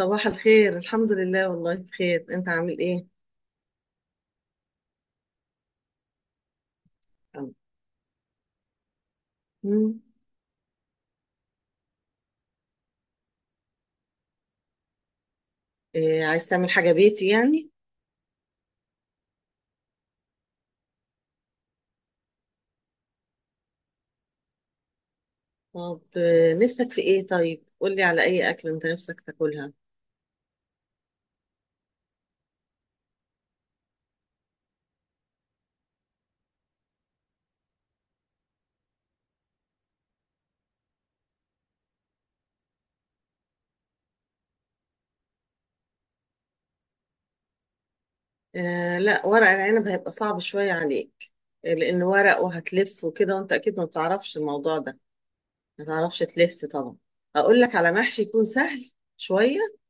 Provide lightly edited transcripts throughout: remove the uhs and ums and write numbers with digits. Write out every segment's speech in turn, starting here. صباح الخير، الحمد لله، والله بخير. انت عامل ايه؟ أو. مم. إيه، عايز تعمل حاجة بيتي يعني؟ طب نفسك في ايه؟ طيب، قولي على اي اكل انت نفسك تاكلها. آه لا، ورق العنب هيبقى صعب شوية عليك. لان ورق وهتلف وكده، وانت اكيد ما بتعرفش الموضوع ده، ما تعرفش تلف طبعا. هقول لك على محشي يكون سهل شوية.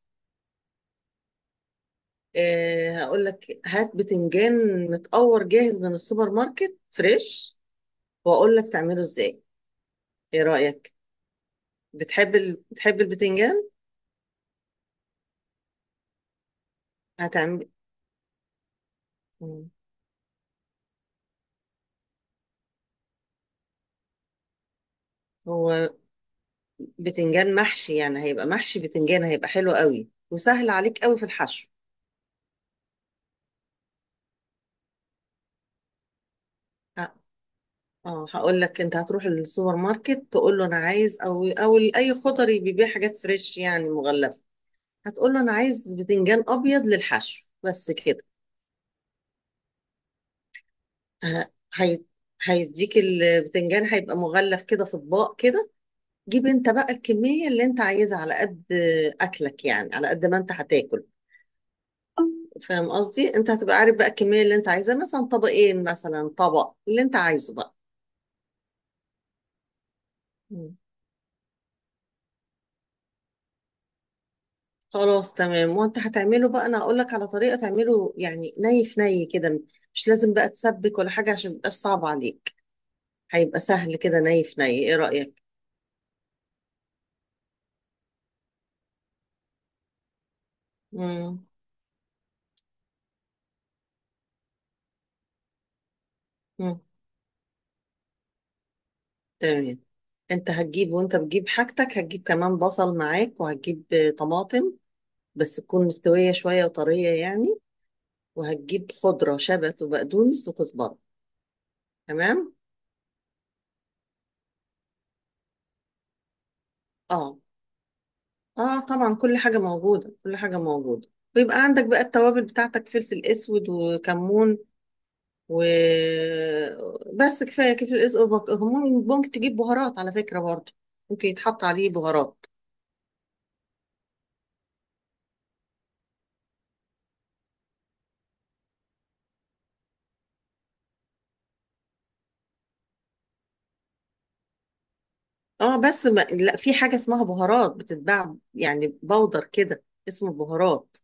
آه، هقول لك هات بتنجان متقور جاهز من السوبر ماركت فريش، واقول لك تعمله ازاي. ايه رأيك؟ بتحب بتحب البتنجان؟ هتعمل. مم. هو بتنجان محشي، يعني هيبقى محشي بتنجان، هيبقى حلو قوي وسهل عليك قوي في الحشو. ه- اه، هقول لك انت هتروح السوبر ماركت، تقول له انا عايز، او اي خضري بيبيع حاجات فريش يعني مغلفه، هتقول له انا عايز بتنجان ابيض للحشو، بس كده. ه- هي... هيديك البتنجان، هيبقى مغلف كده في اطباق كده. جيب انت بقى الكميه اللي انت عايزها على قد اكلك، يعني على قد ما انت هتاكل. فاهم قصدي؟ انت هتبقى عارف بقى الكميه اللي انت عايزاه، مثلا طبقين، مثلا طبق، اللي انت عايزه بقى. مم. خلاص تمام. وانت هتعمله بقى انا هقول لك على طريقه تعمله، يعني ني في ني كده، مش لازم بقى تسبك ولا حاجه عشان ميبقاش صعب عليك. هيبقى سهل كده، ني في ني. ايه رايك؟ مم. مم. تمام. انت هتجيب، وانت بتجيب حاجتك هتجيب كمان بصل معاك، وهتجيب طماطم، بس تكون مستويه شويه وطريه يعني، وهتجيب خضره، شبت وبقدونس وكزبره. تمام. اه، اه طبعا، كل حاجة موجودة كل حاجة موجودة. ويبقى عندك بقى التوابل بتاعتك، فلفل اسود وكمون، وبس، كفاية كفاية الاسود وك- كمون. ممكن تجيب بهارات على فكرة برضه، ممكن يتحط عليه بهارات. اه بس ما... لا، في حاجة اسمها بهارات بتتباع يعني بودر كده، اسمه بهارات.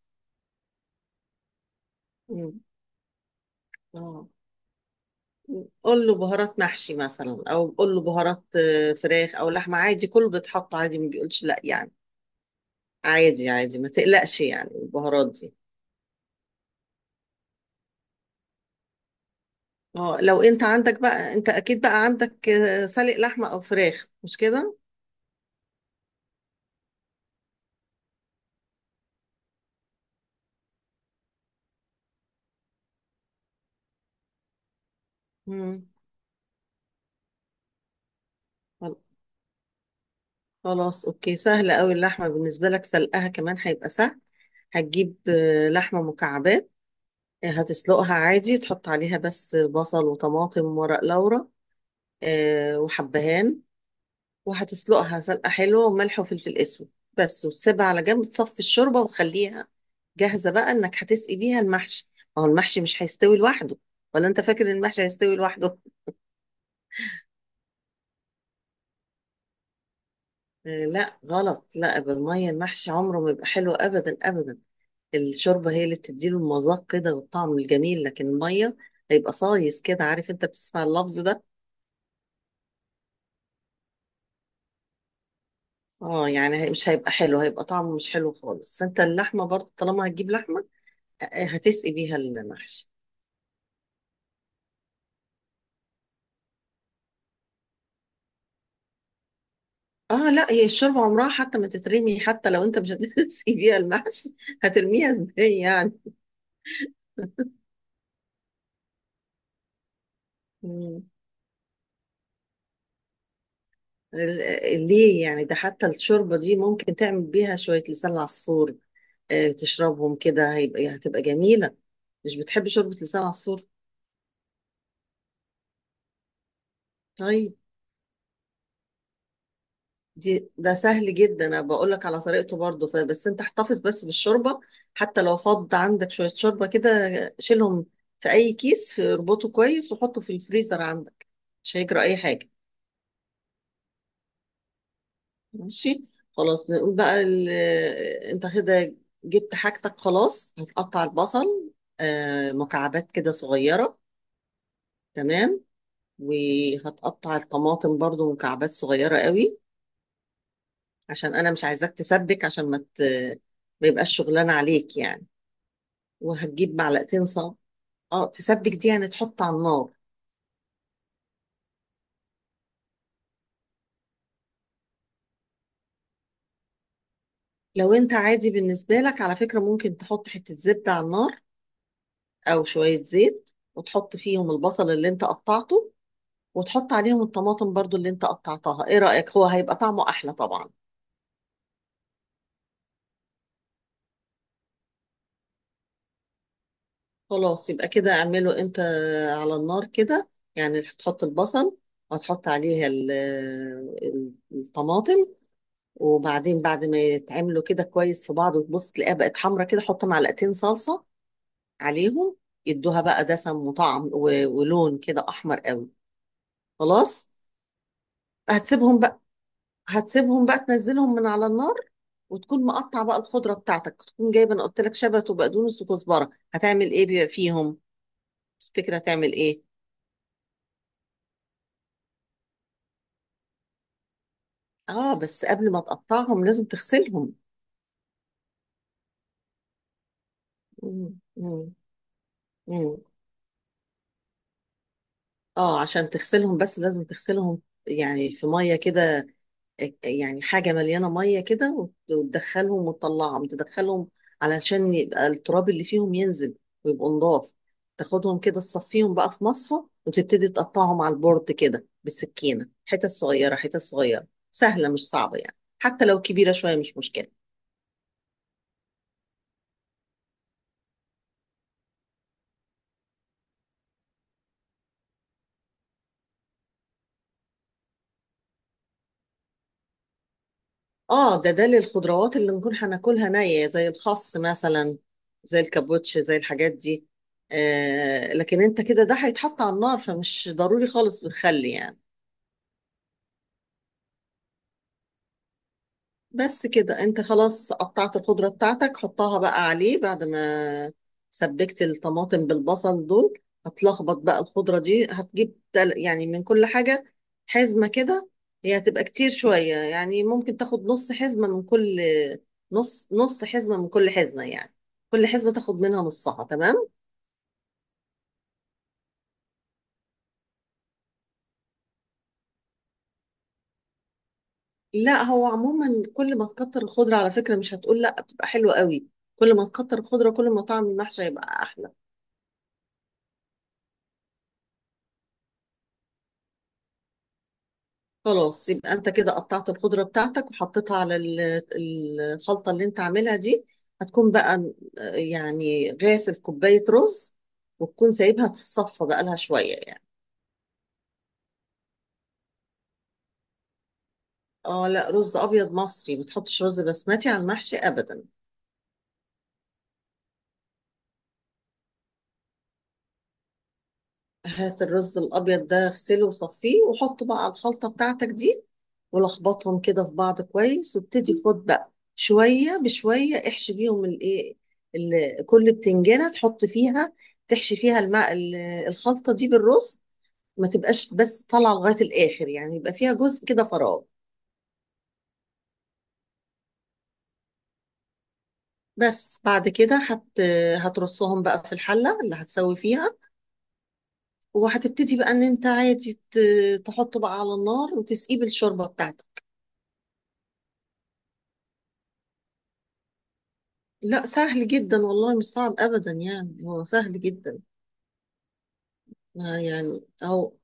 مم. اه، قول له بهارات محشي مثلا، او قول له بهارات فراخ او لحمة، عادي، كله بيتحط عادي، ما بيقولش لا يعني. عادي عادي، ما تقلقش يعني البهارات دي. اه، لو انت عندك بقى، انت اكيد بقى عندك سلق لحمه او فراخ، مش كده؟ مم. خل- خلاص، اوكي، سهله قوي اللحمه بالنسبه لك، سلقها كمان هيبقى سهل. هتجيب لحمه مكعبات، هتسلقها عادي، تحط عليها بس بصل وطماطم وورق لورا وحبهان، وهتسلقها سلقه حلوه، وملح وفلفل اسود، بس، وتسيبها على جنب، تصفي الشوربه وتخليها جاهزه بقى، انك هتسقي بيها المحشي. ما هو المحشي مش هيستوي لوحده. ولا انت فاكر إن المحشي هيستوي لوحده؟ لا غلط، لا بالمية المحشي عمره ما يبقى حلو، أبدا أبدا. الشوربة هي اللي بتديله المذاق كده والطعم الجميل، لكن المية هيبقى صايص كده، عارف؟ انت بتسمع اللفظ ده. اه يعني مش هيبقى حلو، هيبقى طعمه مش حلو خالص. فانت اللحمة برضه طالما هتجيب لحمة هتسقي بيها المحشي. اه لا، هي الشوربة عمرها حتى ما تترمي، حتى لو انت مش هتسقي بيها المحشي، هترميها ازاي يعني؟ مم. ليه يعني؟ ده حتى الشوربة دي ممكن تعمل بيها شوية لسان عصفور، تشربهم كده، هيبقى يعني هتبقى جميلة. مش بتحب شوربة لسان عصفور؟ طيب، ده سهل جدا، انا بقول لك على طريقته برضه، بس انت احتفظ بس بالشوربة، حتى لو فض عندك شوية شوربة كده، شيلهم في اي كيس، اربطه كويس وحطه في الفريزر عندك، مش هيجرى اي حاجة. ماشي. خلاص، نقول بقى انت كده جبت حاجتك، خلاص هتقطع البصل مكعبات كده صغيرة، تمام، وهتقطع الطماطم برضو مكعبات صغيرة قوي، عشان أنا مش عايزاك تسبك، عشان ما يبقاش شغلان عليك يعني. وهتجيب معلقتين صب. اه تسبك، دي يعني تحط على النار. لو انت عادي بالنسبة لك على فكرة، ممكن تحط حتة زبدة على النار أو شوية زيت، وتحط فيهم البصل اللي انت قطعته، وتحط عليهم الطماطم برضو اللي انت قطعتها. ايه رأيك؟ هو هيبقى طعمه أحلى طبعا. خلاص، يبقى كده اعمله انت على النار كده، يعني هتحط البصل، وهتحط عليها الطماطم. وبعدين بعد ما يتعملوا كده كويس في بعض، وتبص تلاقيها بقت حمرا كده، حط معلقتين صلصة عليهم، يدوها بقى دسم وطعم ولون كده احمر قوي، خلاص. هتسيبهم بقى، هتسيبهم بقى تنزلهم من على النار، وتكون مقطع بقى الخضرة بتاعتك، تكون جايبة، انا قلت لك شبت وبقدونس وكزبرة. هتعمل ايه بيبقى فيهم، تفتكر هتعمل ايه؟ اه بس قبل ما تقطعهم لازم تغسلهم. مم. مم. مم. اه، عشان تغسلهم بس لازم تغسلهم، يعني في ميه كده، يعني حاجه مليانه ميه كده، وت- وتدخلهم وتطلعهم تدخلهم، علشان يبقى التراب اللي فيهم ينزل، ويبقوا نضاف. تاخدهم كده، تصفيهم بقى في مصفى، وتبتدي تقطعهم على البورد كده بالسكينه، حتت صغيره حتت صغيره، سهله مش صعبه يعني، حتى لو كبيره شويه مش مشكله. اه، ده للخضروات اللي نكون هناكلها نية، زي الخس مثلا، زي الكابوتش، زي الحاجات دي. آه، لكن انت كده ده هيتحط على النار، فمش ضروري خالص بتخلي يعني. بس كده، انت خلاص قطعت الخضرة بتاعتك، حطها بقى عليه بعد ما سبكت الطماطم بالبصل دول. هتلخبط بقى الخضرة دي، هتجيب يعني من كل حاجة حزمة كده، هي هتبقى كتير شوية يعني، ممكن تاخد نص حزمة من كل، نص نص حزمة من كل حزمة يعني، كل حزمة تاخد منها نصها، تمام. لا، هو عموما كل ما تكتر الخضرة على فكرة، مش هتقول لا، بتبقى حلوة قوي، كل ما تكتر الخضرة كل ما طعم المحشي هيبقى أحلى. خلاص، يبقى انت كده قطعت الخضرة بتاعتك وحطيتها على الخلطة اللي انت عاملها دي. هتكون بقى يعني غاسل كوباية رز، وتكون سايبها تتصفى بقى لها شوية يعني. اه لا، رز ابيض مصري، ما تحطش رز بسمتي على المحشي ابدا. هات الرز الابيض ده، اغسله وصفيه، وحطه بقى على الخلطه بتاعتك دي، ولخبطهم كده في بعض كويس، وابتدي خد بقى شويه بشويه، احشي بيهم الايه، كل بتنجانه تحط فيها، تحشي فيها الماء الخلطه دي بالرز. ما تبقاش بس طالعه لغايه الاخر يعني، يبقى فيها جزء كده فراغ. بس بعد كده هترصهم بقى في الحله اللي هتسوي فيها، وهتبتدي بقى ان انت عادي تحطه بقى على النار، وتسقيه بالشوربه بتاعتك. لا سهل جدا والله، مش صعب ابدا يعني، هو سهل جدا. ما يعني او،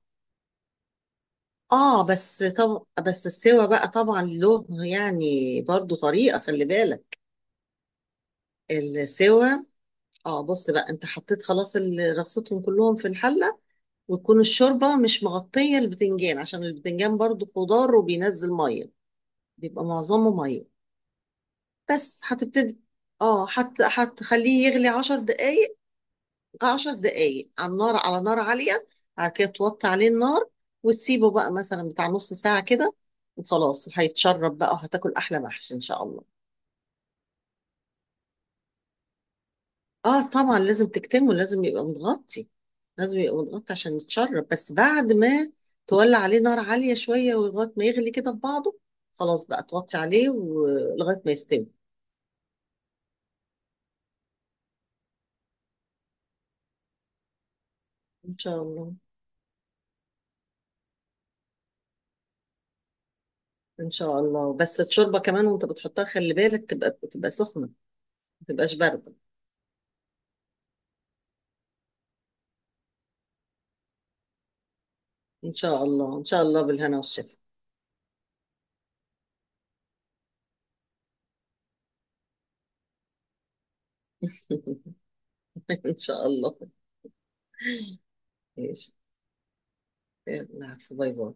اه بس، طب بس السوا بقى طبعا له يعني برضو طريقة، خلي بالك. السوا، اه، بص بقى، انت حطيت خلاص رصيتهم كلهم في الحلة، وتكون الشوربة مش مغطية البتنجان، عشان البتنجان برضو خضار وبينزل مية، بيبقى معظمه مية. بس هتبتدي، اه هتخليه يغلي 10 دقايق، 10 دقايق على النار، على نار عالية، بعد كده توطي عليه النار، وتسيبه بقى مثلا بتاع نص ساعة كده، وخلاص هيتشرب بقى، وهتاكل أحلى محشي إن شاء الله. اه طبعا، لازم تكتمه، لازم يبقى متغطي، لازم يبقى متغطي عشان يتشرب. بس بعد ما تولع عليه نار عالية شوية، ولغاية ما يغلي كده في بعضه، خلاص بقى توطي عليه ولغاية ما يستوي. إن شاء الله، إن شاء الله. بس الشوربة كمان وأنت بتحطها خلي بالك تبقى، تبقى سخنة، ما تبقاش باردة. إن شاء الله إن شاء الله، بالهنا والشفا. إن شاء الله. ماشي. يلا عفو، باي باي.